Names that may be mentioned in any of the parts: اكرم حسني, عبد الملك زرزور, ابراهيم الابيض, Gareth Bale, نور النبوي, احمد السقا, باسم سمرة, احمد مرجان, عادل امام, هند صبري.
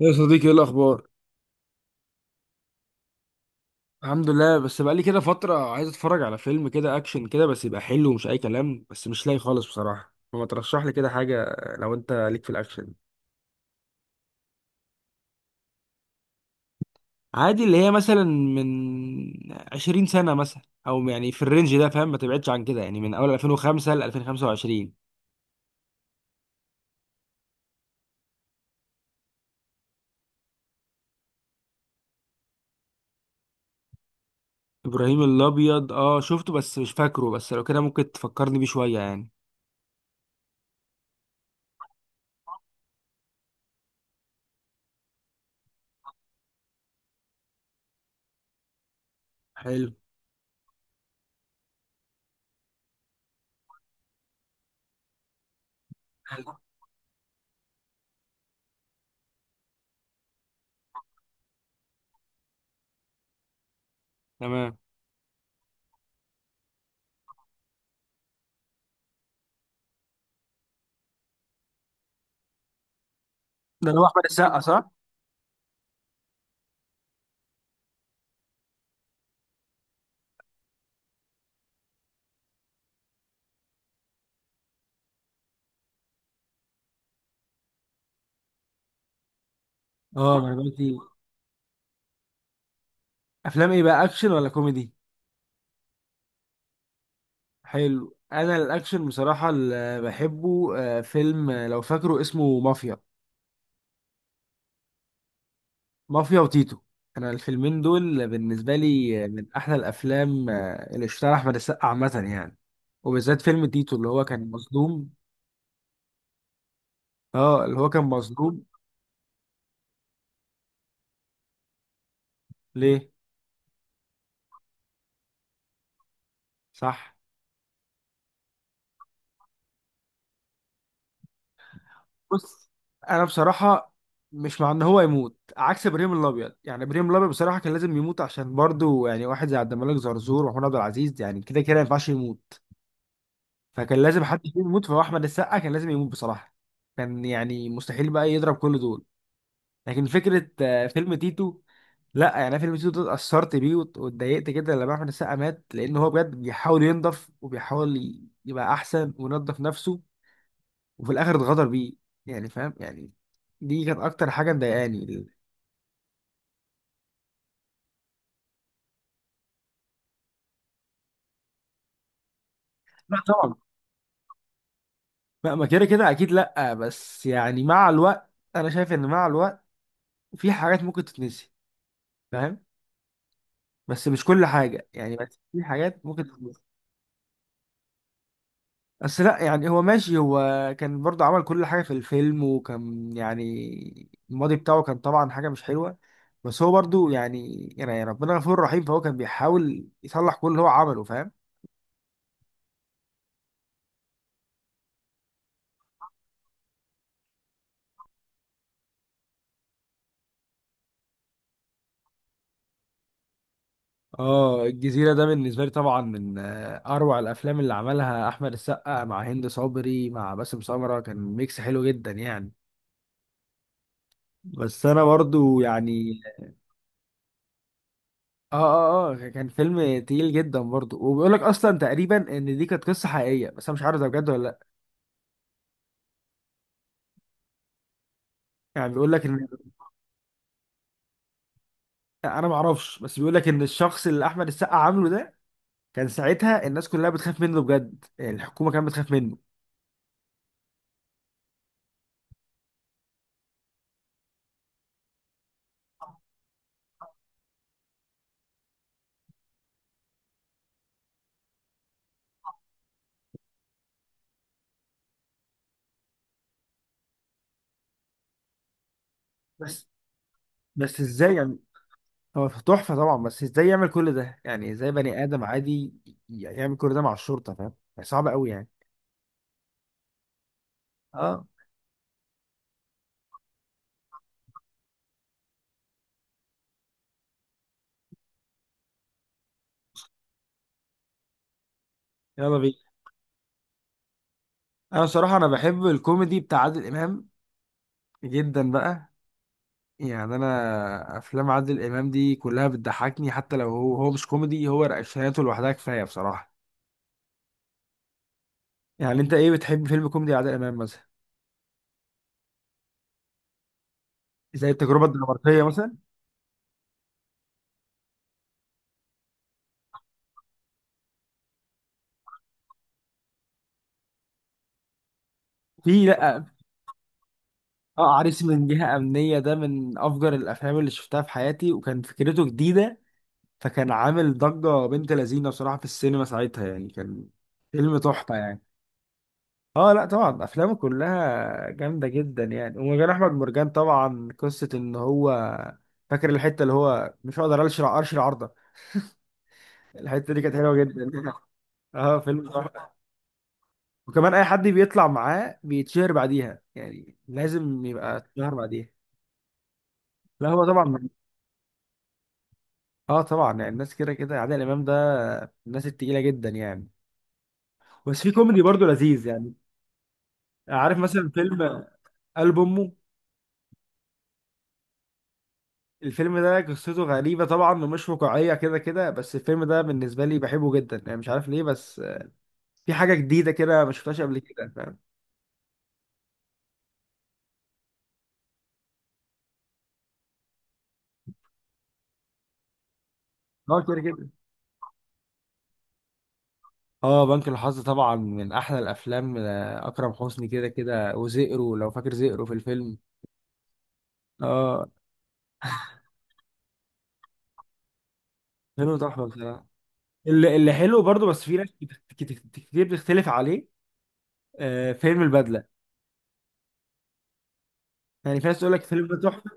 يا صديقي ايه الاخبار؟ الحمد لله، بس بقالي كده فتره عايز اتفرج على فيلم كده اكشن كده، بس يبقى حلو ومش اي كلام، بس مش لاقي خالص بصراحه. فما ترشح لي كده حاجه لو انت ليك في الاكشن؟ عادي، اللي هي مثلا من 20 سنه مثلا، او يعني في الرينج ده فاهم، ما تبعدش عن كده يعني، من اول 2005 ل 2025. ابراهيم الابيض اه شفته بس مش فاكره، بس لو كده ممكن تفكرني بيه شويه يعني. حلو. حلو. تمام. ده اللي هو احمد السقا صح؟ اه، ما انا بقول كتير. افلام ايه بقى؟ اكشن ولا كوميدي؟ حلو. انا الاكشن بصراحه اللي بحبه. فيلم لو فاكره اسمه مافيا. مافيا وتيتو. انا الفيلمين دول بالنسبه لي من احلى الافلام اللي اشتغل احمد السقا عامه يعني. وبالذات فيلم تيتو اللي هو كان مظلوم. اه اللي هو كان مظلوم. ليه؟ صح. بص، انا بصراحه مش مع ان هو يموت، عكس ابراهيم الابيض. يعني ابراهيم الابيض بصراحه كان لازم يموت، عشان برضه يعني واحد زي عبد الملك زرزور ومحمود عبد العزيز يعني كده كده ما ينفعش يموت. فكان لازم حد فيهم يموت، فهو احمد السقا كان لازم يموت بصراحه. كان يعني مستحيل بقى يضرب كل دول. لكن فكره فيلم تيتو، لا يعني أنا فيلم تيتو ده اتأثرت بيه واتضايقت جدا لما احمد السقا مات، لان هو بجد بيحاول ينضف وبيحاول يبقى احسن وينضف نفسه، وفي الاخر اتغدر بيه. يعني فاهم يعني، دي كانت اكتر حاجه مضايقاني. لا طبعا، ما كده كده اكيد لا، بس يعني مع الوقت، انا شايف ان مع الوقت في حاجات ممكن تتنسي، فاهم. بس مش كل حاجه يعني، بس في حاجات ممكن تخلص. بس لا يعني، هو ماشي، هو كان برضه عمل كل حاجه في الفيلم، وكان يعني الماضي بتاعه كان طبعا حاجه مش حلوه، بس هو برضه يعني يعني ربنا غفور رحيم، فهو كان بيحاول يصلح كل اللي هو عمله، فاهم. اه الجزيرة ده بالنسبة لي طبعا من أروع الأفلام اللي عملها أحمد السقا مع هند صبري مع باسم سمرة، كان ميكس حلو جدا يعني. بس أنا برضو يعني اه. اه اه كان فيلم تقيل جدا برضه، وبيقول لك اصلا تقريبا ان دي كانت قصه حقيقيه، بس انا مش عارف ده بجد ولا لا. يعني بيقول لك ان، انا ما اعرفش، بس بيقول لك ان الشخص اللي احمد السقا عامله ده كان ساعتها الناس كلها بتخاف منه بجد، يعني الحكومه كانت بتخاف منه. بس، ازاي يعني؟ هو تحفه طبعا، بس ازاي يعمل كل ده يعني؟ ازاي بني ادم عادي يعمل كل ده مع الشرطه؟ فاهم يعني؟ صعب قوي يعني. اه يلا بينا. انا صراحه انا بحب الكوميدي بتاع عادل امام جدا بقى. يعني انا افلام عادل امام دي كلها بتضحكني، حتى لو هو مش كوميدي، هو رقشاته لوحدها كفايه بصراحه. يعني انت ايه بتحب فيلم كوميدي عادل امام مثلا؟ زي التجربه الدنماركيه مثلا. في، لا. اه عريس من جهه امنيه ده من افجر الافلام اللي شفتها في حياتي، وكان فكرته جديده، فكان عامل ضجه بنت لذينه بصراحه في السينما ساعتها يعني. كان فيلم تحفه يعني. اه لا طبعا افلامه كلها جامده جدا يعني، ومجال احمد مرجان طبعا قصه ان هو، فاكر الحته اللي هو مش هقدر اشرع ارشي عرضه؟ الحته دي كانت حلوه جدا اه فيلم تحفة. وكمان اي حد بيطلع معاه بيتشهر بعديها، يعني لازم يبقى اتشهر بعديها. لا هو طبعا. اه طبعا، يعني الناس كده كده عادل امام ده من الناس التقيله جدا يعني. بس في كوميدي برضه لذيذ يعني. عارف مثلا فيلم قلب امه؟ الفيلم ده قصته غريبة طبعا ومش واقعية كده كده، بس الفيلم ده بالنسبة لي بحبه جدا يعني، مش عارف ليه، بس في حاجة جديدة كده ما شفتهاش قبل كده، فاهم. اه كده كده. اه بنك الحظ طبعا من أحلى الأفلام. أكرم حسني كده كده، وزئرو لو فاكر زئرو في الفيلم. اه فيلم تحفة بصراحة. اللي حلو برضه، بس في ناس كتير بتختلف عليه. آه فيلم البدلة، يعني في ناس تقول لك الفيلم ده تحفة.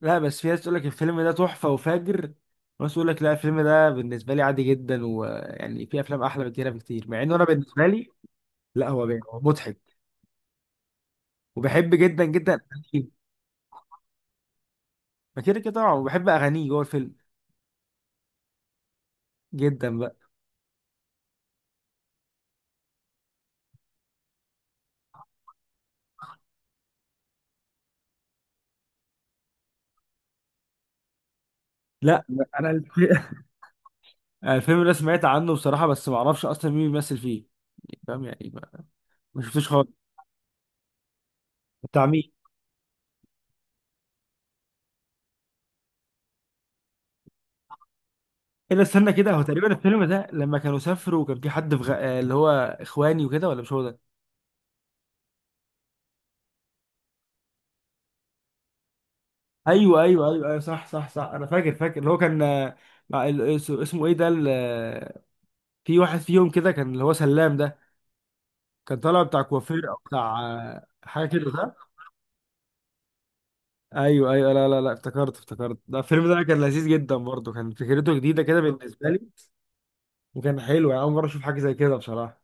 لا، بس في ناس تقول لك الفيلم ده تحفة وفاجر، وناس تقول لك لا، الفيلم ده بالنسبة لي عادي جدا، ويعني في أفلام أحلى من كده بكتير، مع إنه أنا بالنسبة لي، لا هو باين هو مضحك، وبحب جدا جدا أغانيه. ما كده كده طبعا، وبحب أغانيه جوه الفيلم جدا بقى. لا أنا الف- أنا الفيلم ده سمعت عنه بصراحة، بس ما أعرفش أصلا مين بيمثل فيه. يعني فاهم يعني، ما شفتوش خالص. بتاع مين؟ إلا استنى كده، هو تقريبا الفيلم ده لما كانوا سافروا وكان في حد في غ... اللي هو إخواني وكده، ولا مش هو ده؟ ايوه ايوه ايوه ايوه، صح صح صح، انا فاكر فاكر. اللي هو كان مع اسمه ايه ده في واحد فيهم كده كان اللي هو سلام ده، كان طالع بتاع كوافير او بتاع حاجه كده صح؟ ايوه ايوه. لا لا لا افتكرت افتكرت. ده الفيلم ده كان لذيذ جدا برضه، كان فكرته جديده كده بالنسبه لي، وكان حلو يعني، اول مره اشوف حاجه زي كده بصراحه.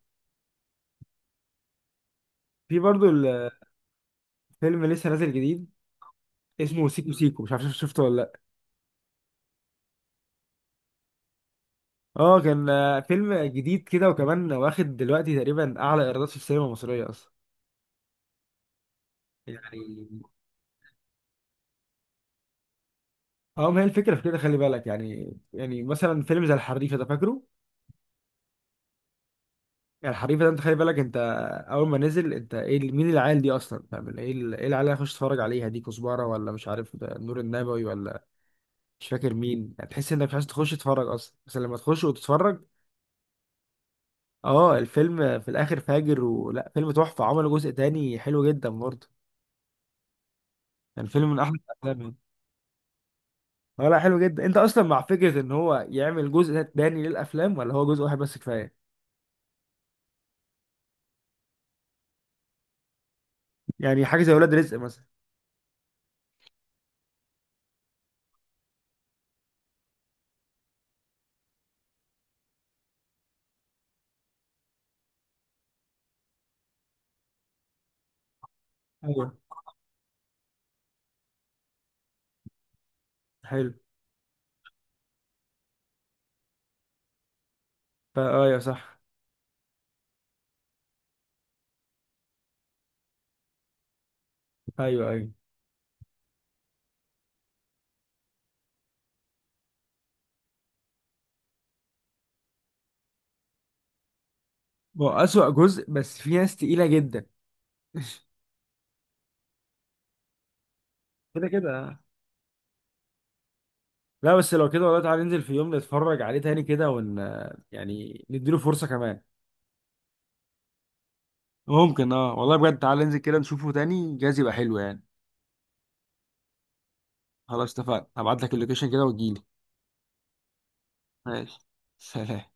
في برضه الفيلم لسه نازل جديد اسمه سيكو سيكو، مش عارف شفته ولا لا. اه كان فيلم جديد كده، وكمان واخد دلوقتي تقريبا اعلى ايرادات في السينما المصريه اصلا يعني. اه ما هي الفكره في كده، خلي بالك يعني، يعني مثلا فيلم زي الحريفه ده فاكره؟ يعني الحريفه ده انت خلي بالك، انت اول ما نزل انت ايه، مين العيال دي اصلا؟ فاهم، ايه العيال اللي هخش اتفرج عليها دي؟ كزبره ولا مش عارف ده نور النبوي ولا مش فاكر مين، يعني تحس انك مش عايز تخش تتفرج اصلا، بس لما تخش وتتفرج، اه الفيلم في الاخر فاجر ولا فيلم تحفه. عملوا جزء تاني حلو جدا برضه، يعني فيلم من احلى الافلام يعني. اه لا حلو جدا. انت اصلا مع فكره ان هو يعمل جزء تاني للافلام، ولا هو جزء واحد بس كفايه؟ يعني حاجه زي ولاد رزق مثلا. ايوه. حلو. فا ايوه صح. ايوه ايوه. هو أسوأ جزء، بس في ناس تقيلة جدا كده كده. لا بس لو كده والله تعالى ننزل في يوم نتفرج عليه تاني كده، ون يعني نديله فرصة كمان. ممكن اه، والله بجد تعالى ننزل كده نشوفه تاني، جايز يبقى حلو يعني. خلاص اتفقنا، هبعت لك اللوكيشن كده وتجيلي. ماشي. سلام.